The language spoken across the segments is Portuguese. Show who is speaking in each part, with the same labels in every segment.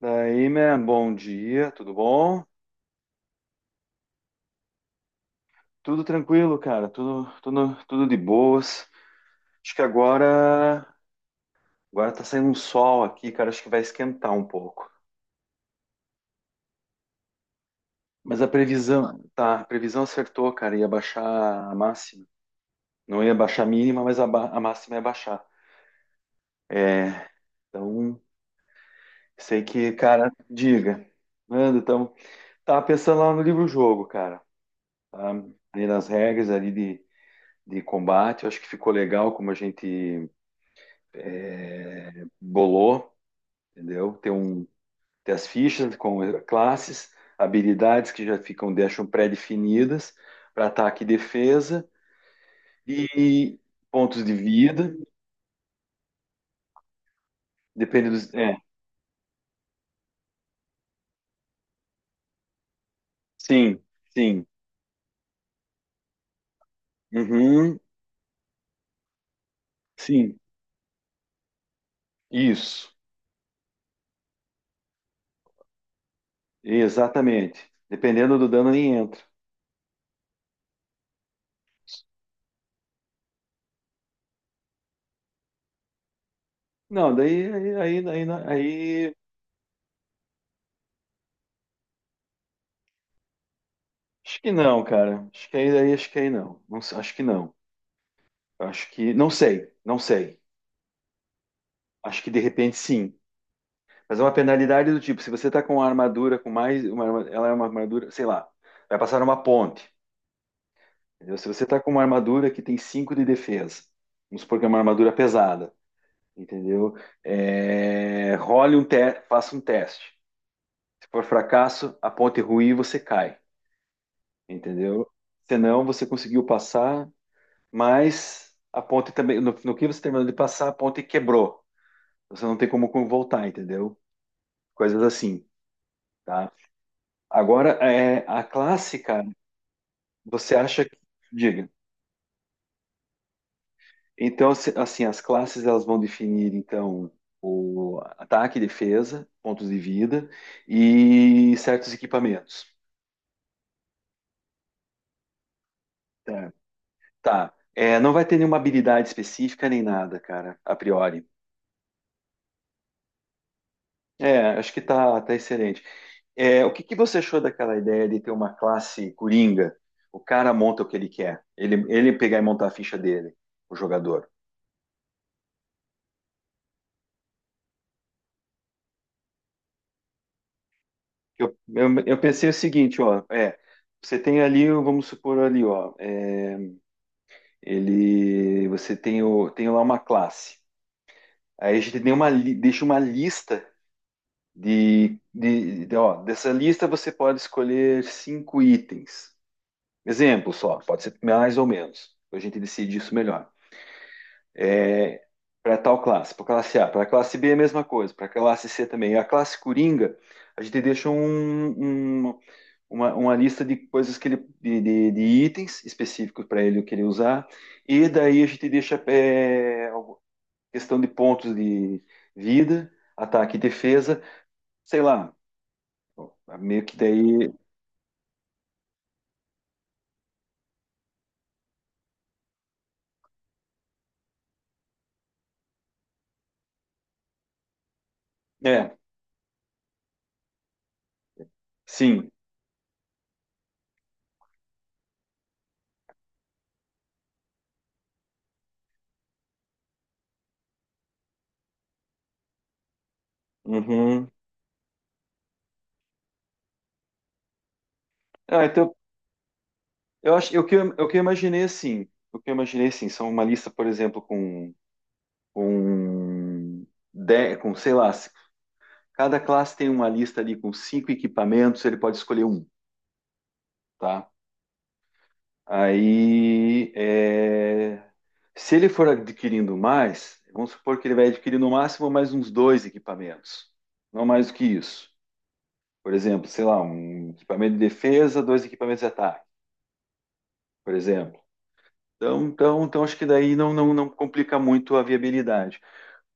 Speaker 1: Daí, man, bom dia, tudo bom? Tudo tranquilo, cara, tudo de boas. Acho que agora tá saindo um sol aqui, cara, acho que vai esquentar um pouco. Mas a previsão, tá, a previsão acertou, cara, ia baixar a máxima. Não ia baixar a mínima, mas a máxima ia baixar. É, então, sei que, cara, diga. Mano, então, tava pensando lá no livro-jogo, cara, tá? Ali nas regras ali de combate, eu acho que ficou legal como a gente bolou. Entendeu? Tem as fichas com classes, habilidades que já ficam, deixam pré-definidas para ataque e defesa e pontos de vida, depende dos, é, sim, sim, uhum, sim, isso, exatamente. Dependendo do dano nem entra. Não, daí, aí, não- aí- acho que não, cara. Acho que aí, acho que aí não. Não sei, acho que não. Acho que, não sei, não sei. Acho que de repente sim. Fazer uma penalidade do tipo, se você está com uma armadura com mais, ela é uma armadura, sei lá, vai passar uma ponte, entendeu? Se você está com uma armadura que tem 5 de defesa, vamos supor que é uma armadura pesada, entendeu? É, faça um teste. Se for fracasso, a ponte ruir, você cai, entendeu? Senão você conseguiu passar, mas a ponte também, no, que você terminou de passar, a ponte quebrou. Você não tem como voltar, entendeu? Coisas assim, tá? Agora, é, a clássica. Você acha que, diga. Então, assim, as classes elas vão definir então o ataque, defesa, pontos de vida e certos equipamentos. Tá. Tá. É, não vai ter nenhuma habilidade específica nem nada, cara, a priori. É, acho que tá excelente. É, o que que você achou daquela ideia de ter uma classe coringa? O cara monta o que ele quer. Ele pegar e montar a ficha dele, o jogador. Eu pensei o seguinte, ó, é, você tem ali, vamos supor ali, ó, é, ele, você tem, o, tem lá uma classe. Aí a gente tem deixa uma lista ó, dessa lista você pode escolher cinco itens. Exemplo só, pode ser mais ou menos. A gente decide isso melhor. É, para tal classe, para classe A, para classe B é a mesma coisa, para classe C também. A classe Coringa, a gente deixa uma lista de coisas que ele, de itens específicos para ele que ele usar, e daí a gente deixa é, questão de pontos de vida, ataque e defesa, sei lá, meio que daí, é, sim, uhum. Ah, então eu acho, eu, que imaginei assim, o que eu imaginei assim, são uma lista, por exemplo, com, de, com sei lá, cada classe tem uma lista ali com cinco equipamentos, ele pode escolher um, tá? Aí, é, se ele for adquirindo mais, vamos supor que ele vai adquirir no máximo mais uns dois equipamentos, não mais do que isso. Por exemplo, sei lá, um equipamento de defesa, dois equipamentos de ataque, por exemplo. Então, acho que daí não complica muito a viabilidade.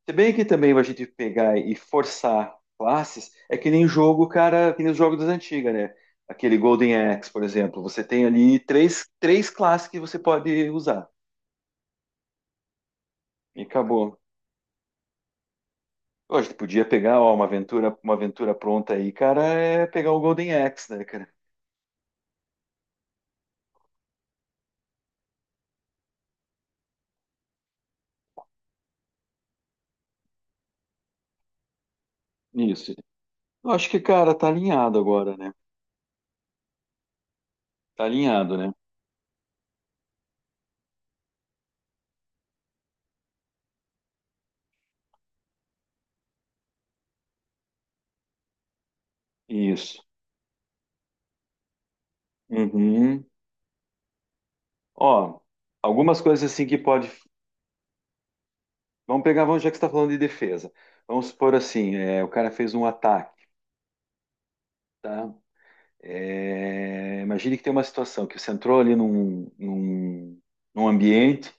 Speaker 1: Se bem que também a gente pegar e forçar classes, é que nem jogo, cara, que nem os jogos das antigas, né? Aquele Golden Axe, por exemplo, você tem ali três classes que você pode usar. E acabou. Pô, a gente podia pegar, ó, uma aventura, pronta aí, cara, é pegar o Golden Axe, né, cara? Isso. Eu acho que, cara, tá alinhado agora, né? Tá alinhado, né? Isso. Uhum. Ó, algumas coisas assim que pode. Vamos pegar, vamos, já que você tá falando de defesa. Vamos supor assim, é, o cara fez um ataque, tá? É, imagine que tem uma situação que você entrou ali num, ambiente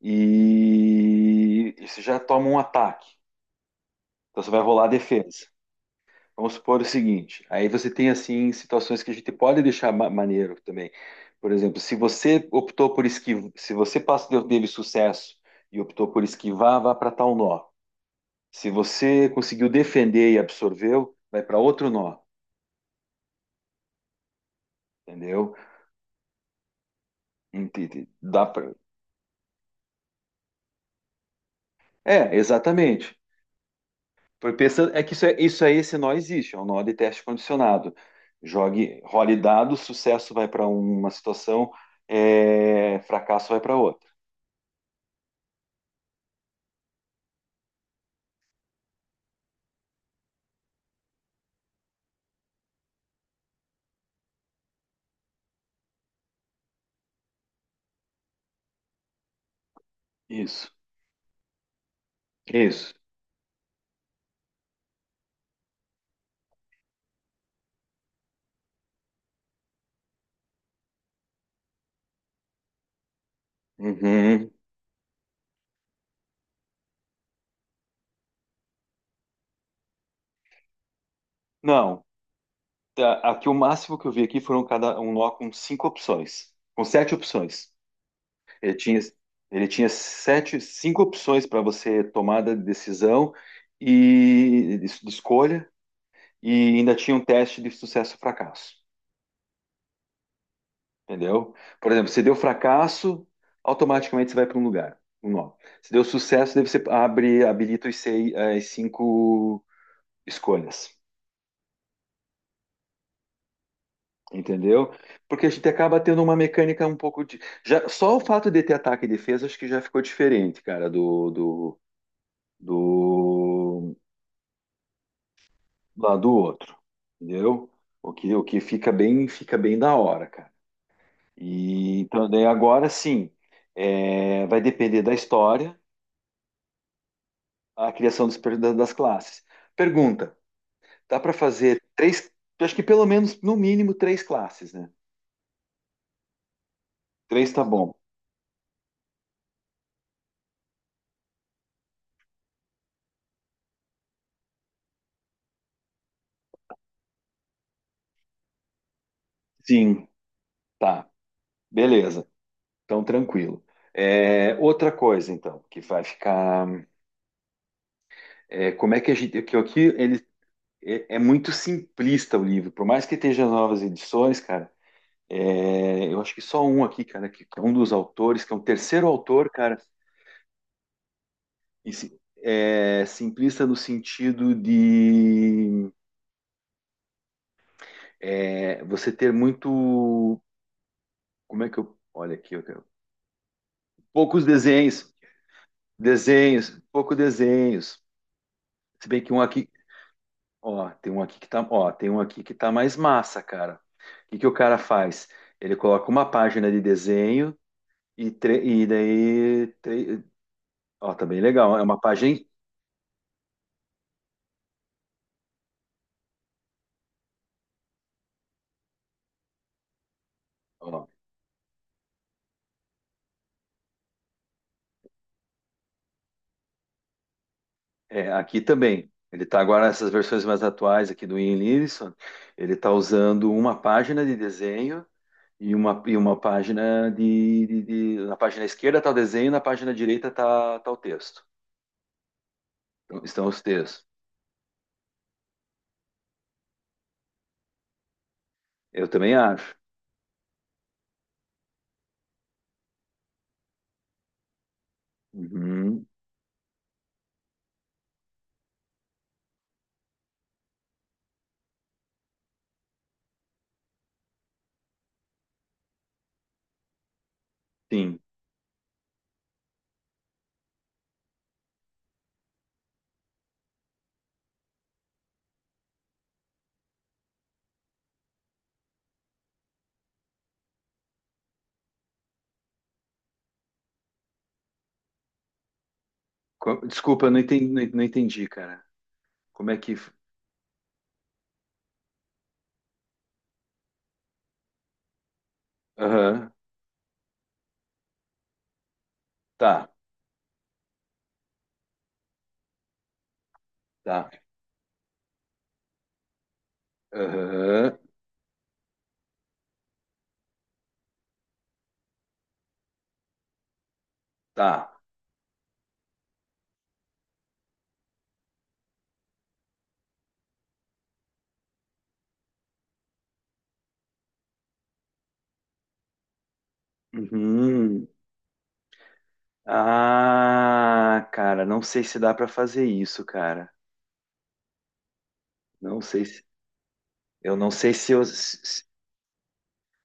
Speaker 1: e você já toma um ataque. Então você vai rolar a defesa. Vamos supor o seguinte, aí você tem assim situações que a gente pode deixar maneiro também. Por exemplo, se você optou por esquivar, se você passa teve sucesso e optou por esquivar, vá para tal nó. Se você conseguiu defender e absorveu, vai para outro nó, entendeu? Entendi. Dá para. É, exatamente. Foi pensando, é que isso é, isso aí, esse nó existe, é um nó de teste condicionado. Jogue, role dados, sucesso vai para uma situação, é, fracasso vai para outra. Isso. Isso. Uhum. Não, tá, aqui o máximo que eu vi aqui foram cada um nó com cinco opções, com sete opções. Ele tinha, ele tinha sete, cinco opções para você tomada de decisão e de escolha, e ainda tinha um teste de sucesso e fracasso, entendeu? Por exemplo, se deu fracasso, automaticamente você vai para um lugar, um nó. Se deu sucesso, daí você abre, habilita os seis, as cinco escolhas. Entendeu? Porque a gente acaba tendo uma mecânica um pouco de. Já, só o fato de ter ataque e defesa, acho que já ficou diferente, cara, do, do lá do outro. Entendeu? O que fica bem da hora, cara. E então, daí agora sim, é, vai depender da história, a criação dos das classes. Pergunta: dá para fazer três? Acho que pelo menos, no mínimo, três classes, né? Três tá bom. Sim, tá. Beleza. Então, tranquilo. É, outra coisa, então, que vai ficar. É, como é que a gente. Que aqui ele é, muito simplista o livro, por mais que esteja as novas edições, cara. É, eu acho que só um aqui, cara, que é um dos autores, que é um terceiro autor, cara, e é simplista no sentido de é, você ter muito. Como é que eu. Olha aqui, poucos desenhos, desenhos, pouco desenhos. Se bem que um aqui. Ó, tem um aqui que tá, ó, tem um aqui que tá mais massa, cara. O que que o cara faz? Ele coloca uma página de desenho e, e daí, ó, tá bem legal. É uma página, ó, é, aqui também. Ele tá agora essas versões mais atuais aqui do Ian Livingstone. Ele tá usando uma página de desenho e uma, página de, na página esquerda tá o desenho, na página direita tá o texto. Então, estão os textos. Eu também acho. Uhum, sim. Desculpa, eu não entendi, não não entendi, cara. Como é que. Aham, tá, tá. Aham, tá. Uhum. Ah, cara, não sei se dá pra fazer isso, cara. Não sei se. Eu não sei se eu,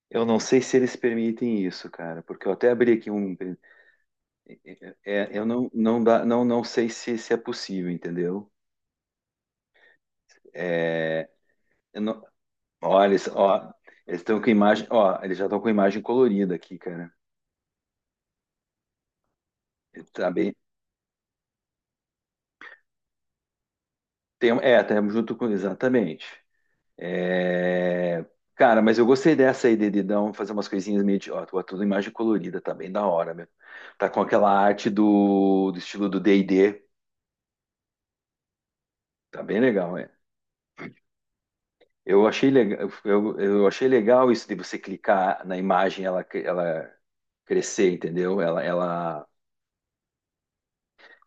Speaker 1: eu não sei se eles permitem isso, cara, porque eu até abri aqui um. É, eu não, não dá, não, não sei se, se é possível, entendeu? É, eu não, olha, ó, eles estão com imagem, ó, eles já estão com imagem colorida aqui, cara. Tá bem, tem, um, é, estamos junto com. Exatamente. É, cara, mas eu gostei dessa aí, Dedidão, fazer umas coisinhas meio de. Ó, tudo imagem colorida, tá bem da hora, meu. Tá com aquela arte do, estilo do D&D, tá bem legal, é. Eu achei legal, eu achei legal isso de você clicar na imagem, ela, ela crescer, entendeu?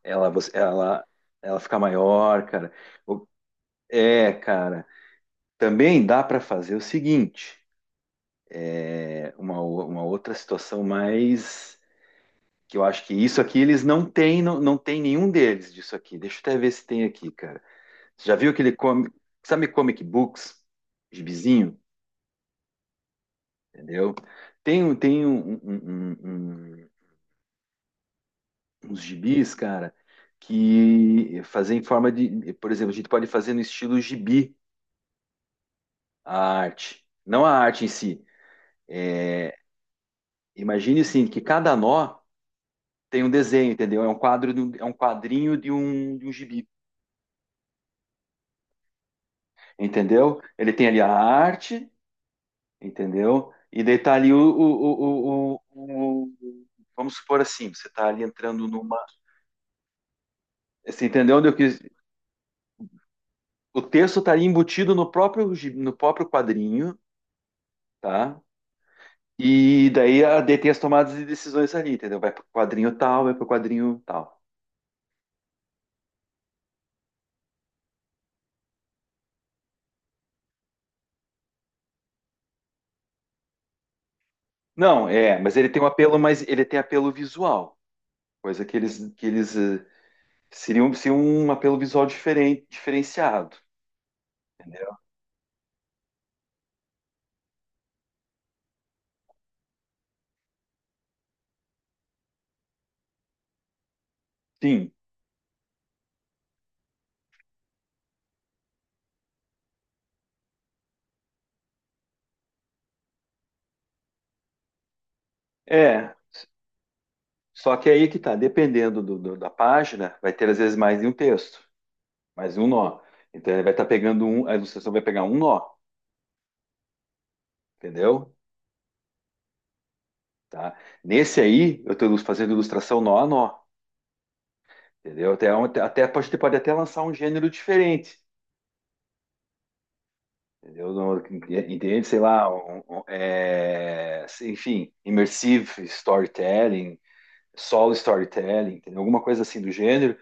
Speaker 1: ela, você- ela, ela ficar maior, cara. O- É, cara. Também dá para fazer o seguinte. Uma outra situação mais que eu acho que isso aqui eles não têm, não, não tem nenhum deles disso aqui. Deixa eu até ver se tem aqui, cara. Você já viu aquele comic, sabe comic books, gibizinho, entendeu? Tem um- um- um- um- um, uns gibis, cara, que fazem em forma de, por exemplo, a gente pode fazer no estilo gibi a arte, não a arte em si. Imagine assim que cada nó tem um desenho, entendeu? É um quadro, é um quadrinho de um, gibi. Entendeu? Ele tem ali a arte, entendeu? E daí tá ali o, vamos supor assim, você tá ali entrando numa, você entendeu onde eu quis? O texto tá ali embutido no próprio no próprio quadrinho, tá? E daí a daí tem as tomadas de decisões ali, entendeu? Vai pro quadrinho tal, vai pro quadrinho tal. Não, é, mas ele tem um apelo, mas ele tem apelo visual, coisa que eles seriam, seria um apelo visual diferente, diferenciado, entendeu? Sim. É, só que aí que tá, dependendo do- da página, vai ter às vezes mais de um texto, mais de um nó. Então ele vai estar pegando um, a ilustração vai pegar um nó, entendeu? Tá? Nesse aí, eu estou fazendo ilustração nó a nó, entendeu? Até, até pode, pode até lançar um gênero diferente, entendeu? No- Entende? Sei lá, é, enfim, immersive storytelling, solo storytelling, entendeu? Alguma coisa assim do gênero,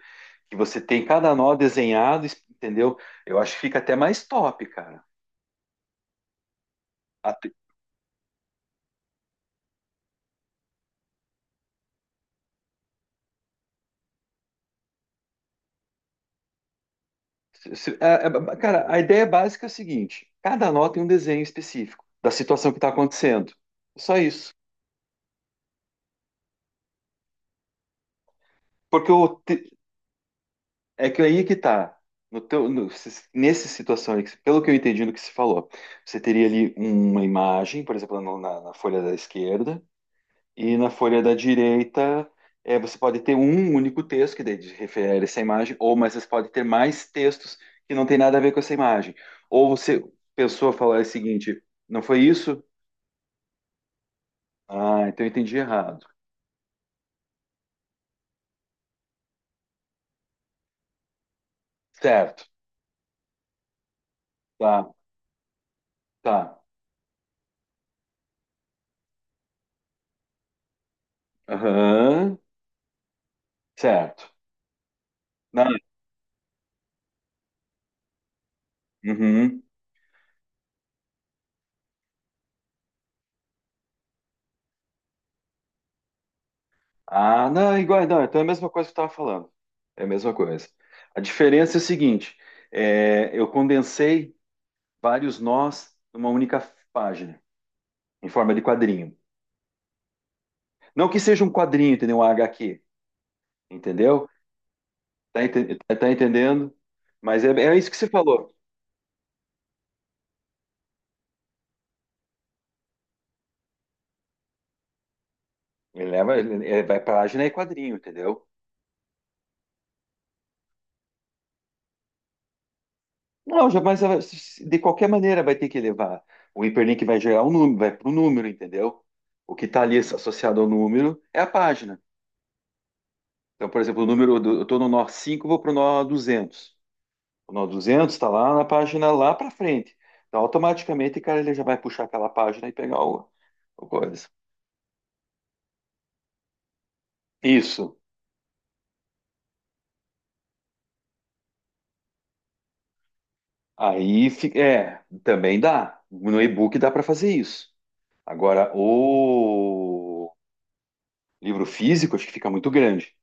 Speaker 1: que você tem cada nó desenhado, entendeu? Eu acho que fica até mais top, cara. A te- se- é- é- cara, a ideia básica é a seguinte: cada nó tem um desenho específico da situação que está acontecendo. Só isso. Porque é que aí é que tá. No teu, nessa situação aí, que pelo que eu entendi do que se falou, você teria ali uma imagem, por exemplo, na, na folha da esquerda, e na folha da direita, é, você pode ter um único texto que daí refere a essa imagem, ou mas você pode ter mais textos que não tem nada a ver com essa imagem. Ou você pensou a falar o seguinte: não foi isso? Ah, então eu entendi errado. Certo. Tá, tá. Aham. Certo. Não, uhum. Ah, não, igual, não, então é a mesma coisa que eu estava falando. É a mesma coisa. A diferença é o seguinte, é, eu condensei vários nós numa única página, em forma de quadrinho. Não que seja um quadrinho, entendeu? Um HQ, entendeu? Tá, tá entendendo? Mas é isso que você falou. Ele leva, vai página e quadrinho, entendeu? Não, já, mas de qualquer maneira vai ter que levar. O hiperlink vai gerar um número, vai para o número, entendeu? O que está ali associado ao número é a página. Então, por exemplo, o número, eu estou no nó 5, vou para o nó 200. O nó duzentos está lá na página lá para frente. Então, automaticamente, cara, ele já vai puxar aquela página e pegar o, coisa. Isso. Aí, é, também dá. No e-book dá para fazer isso. Agora, o livro físico, acho que fica muito grande,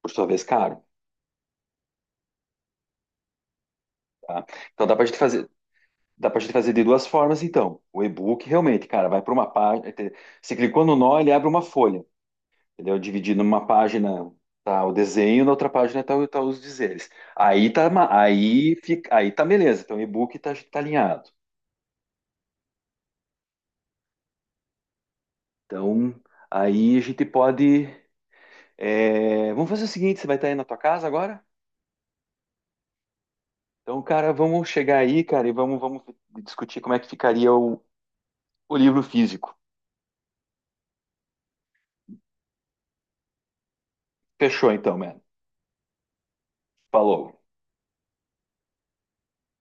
Speaker 1: por sua vez, caro. Tá? Então dá pra gente fazer de duas formas, então. O e-book realmente, cara, vai para uma página. Você clicou no nó, ele abre uma folha, entendeu? Dividindo numa página tá o desenho, na outra página tá os dizeres. Aí tá, aí fica, aí tá beleza. Então o e-book tá alinhado. Então aí a gente pode. É, vamos fazer o seguinte, você vai estar aí na tua casa agora? Então, cara, vamos chegar aí, cara, e vamos discutir como é que ficaria o, livro físico. Fechou então, mano. Falou.